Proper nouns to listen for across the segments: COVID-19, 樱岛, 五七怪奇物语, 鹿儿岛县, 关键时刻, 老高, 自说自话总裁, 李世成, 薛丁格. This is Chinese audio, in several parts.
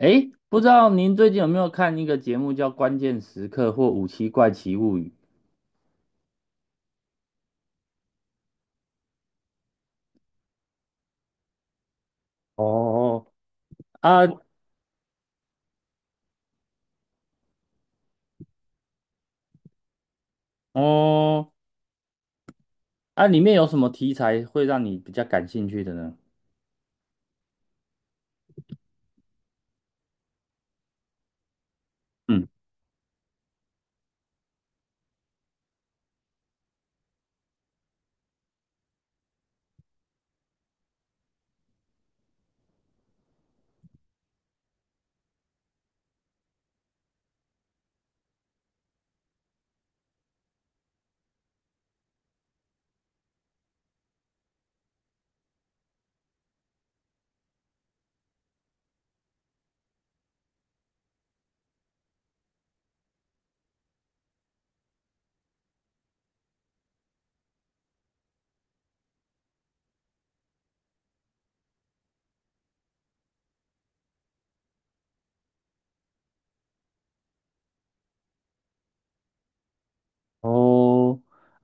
诶，不知道您最近有没有看一个节目叫《关键时刻》或《五七怪奇物语》？哦，啊，哦，啊，里面有什么题材会让你比较感兴趣的呢？嗯，哦，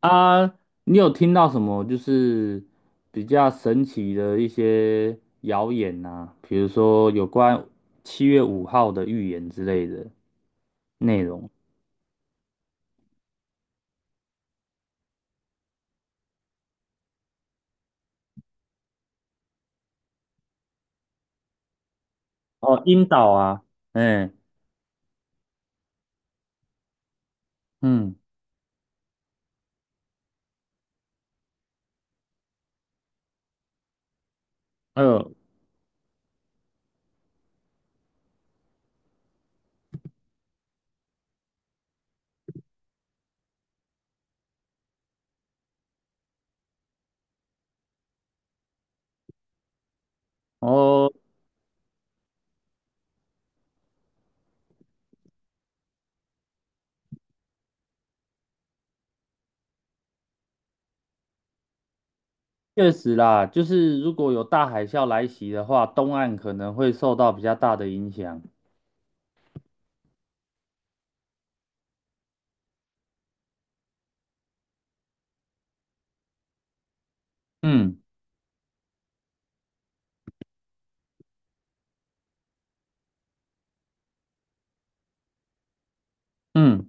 啊，你有听到什么就是比较神奇的一些谣言呐、比如说有关7月5号的预言之类的内容。哦，晕倒啊。嗯嗯，呃，哦。确实啦，就是如果有大海啸来袭的话，东岸可能会受到比较大的影响。嗯嗯，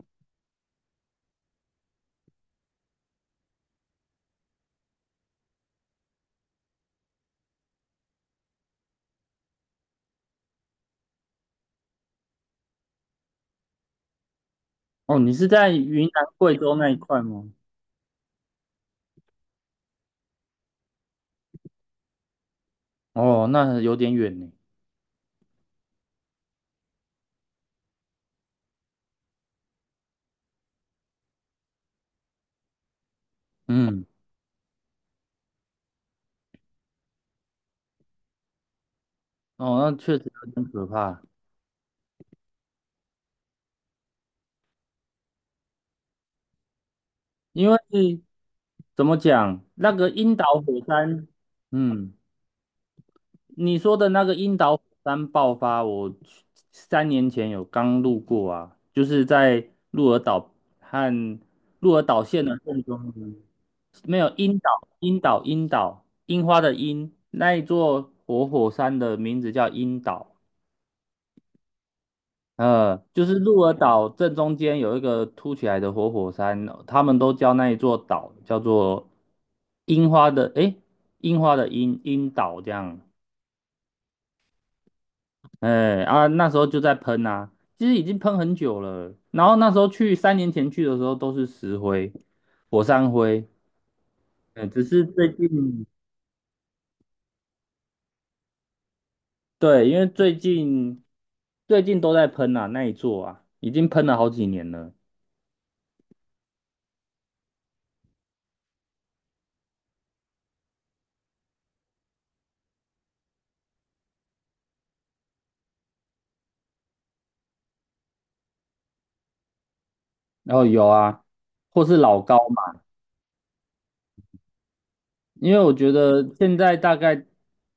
哦，你是在云南、贵州那一块吗？哦，那有点远呢。嗯，哦，那确实有点可怕。因为怎么讲，那个樱岛火山，嗯，你说的那个樱岛火山爆发，我去三年前有刚路过啊，就是在鹿儿岛和鹿儿岛县的正中间。没有樱岛，樱岛，樱岛，樱花的樱，那一座活火山的名字叫樱岛。就是鹿儿岛正中间有一个凸起来的活火山，他们都叫那一座岛叫做樱花的，诶，樱花的樱，樱岛这样。哎啊，那时候就在喷啊，其实已经喷很久了。然后那时候去，三年前去的时候都是石灰、火山灰，嗯，只是最近。对，因为最近最近都在喷啊，那一座啊，已经喷了好几年了。然后有啊，或是老高。因为我觉得现在大概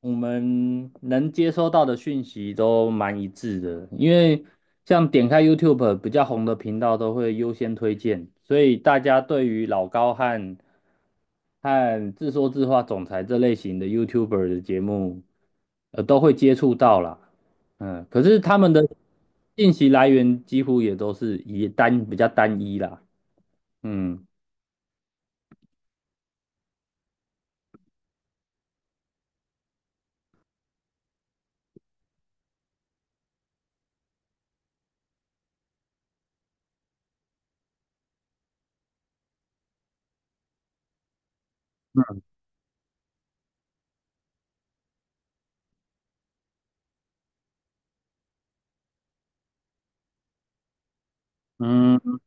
我们能接收到的讯息都蛮一致的，因为像点开 YouTube 比较红的频道都会优先推荐，所以大家对于老高和自说自话总裁这类型的 YouTuber 的节目，都会接触到啦。嗯，可是他们的信息来源几乎也都是比较单一啦。嗯嗯，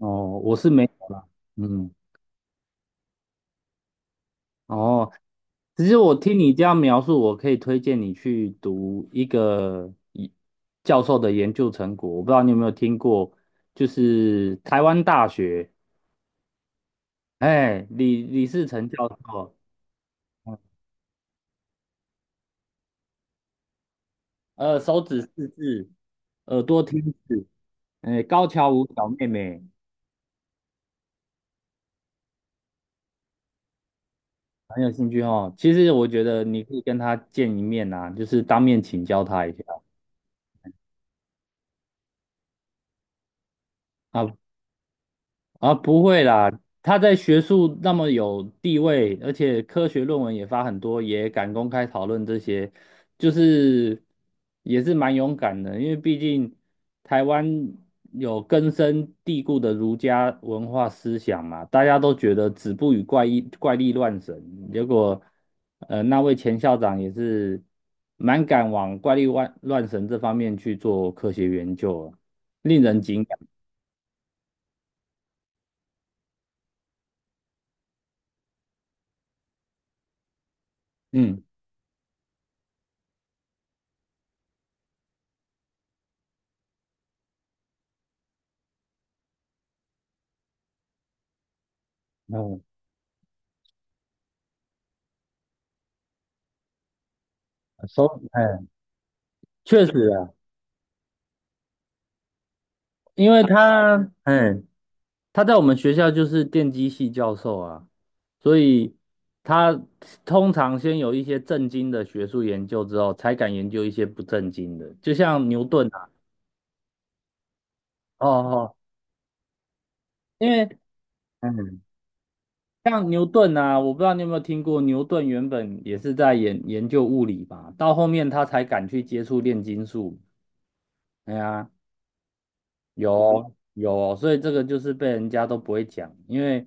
哦，我是没有啦。嗯。哦，其实我听你这样描述，我可以推荐你去读一个一教授的研究成果。我不知道你有没有听过，就是台湾大学，哎，李世成教授。嗯手指四字，耳朵听字，哎，高桥舞小妹妹。很有兴趣哦。其实我觉得你可以跟他见一面啊，就是当面请教他一下。啊，啊，不会啦。他在学术那么有地位，而且科学论文也发很多，也敢公开讨论这些，就是也是蛮勇敢的。因为毕竟台湾有根深蒂固的儒家文化思想嘛，大家都觉得子不语怪异怪力乱神，结果那位前校长也是蛮敢往怪力乱神这方面去做科学研究啊，令人敬仰。嗯，确实。因为他，嗯，他在我们学校就是电机系教授啊，所以他通常先有一些正经的学术研究之后，才敢研究一些不正经的，就像牛顿啊。哦，哦，因为嗯，像牛顿啊，我不知道你有没有听过，牛顿原本也是在研究物理吧，到后面他才敢去接触炼金术。哎呀。有哦，有哦，所以这个就是被人家都不会讲，因为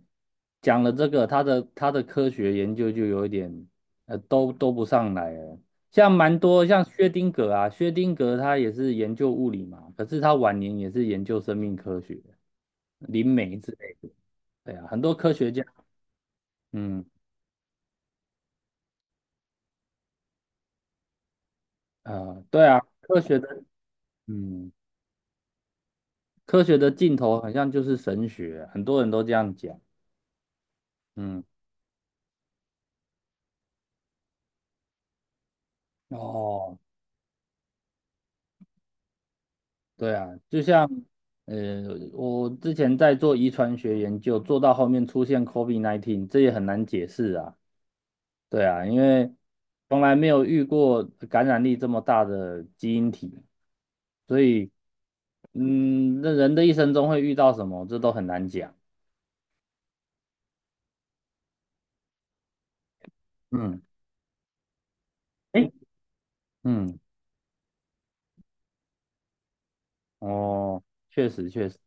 讲了这个，他的科学研究就有一点都不上来了。像蛮多像薛丁格啊，薛丁格他也是研究物理嘛，可是他晚年也是研究生命科学、林媒之类的。对啊，很多科学家。嗯对啊，科学的。嗯，科学的尽头好像就是神学，很多人都这样讲。嗯。哦，对啊，就像呃，我之前在做遗传学研究，做到后面出现 COVID-19，这也很难解释啊。对啊，因为从来没有遇过感染力这么大的基因体，所以那人的一生中会遇到什么，这都很难讲。嗯，诶，嗯，哦，确实确实，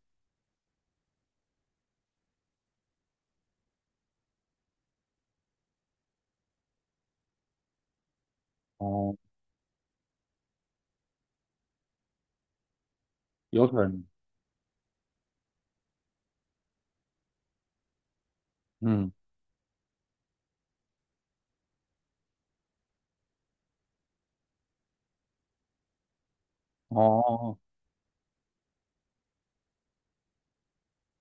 哦，有可能，嗯，哦，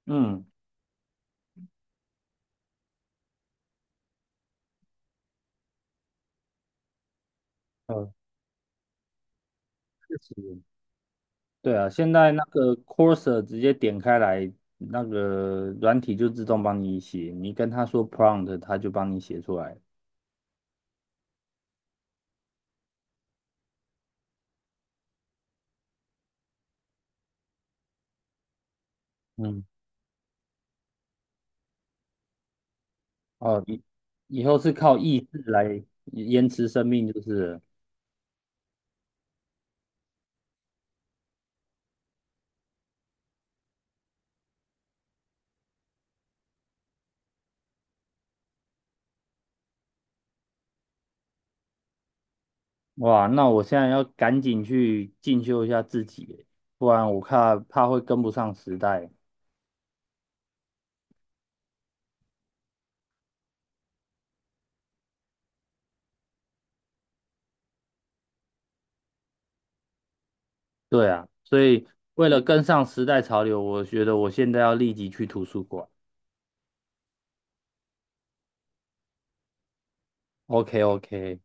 嗯，呃，确实。对啊，现在那个 c o r s e r 直接点开来，那个软体就自动帮你写，你跟他说 prompt，他就帮你写出来。嗯，哦，以后是靠意志来延迟生命，就是了。哇，那我现在要赶紧去进修一下自己耶，不然我怕会跟不上时代。对啊，所以为了跟上时代潮流，我觉得我现在要立即去图书馆。OK OK。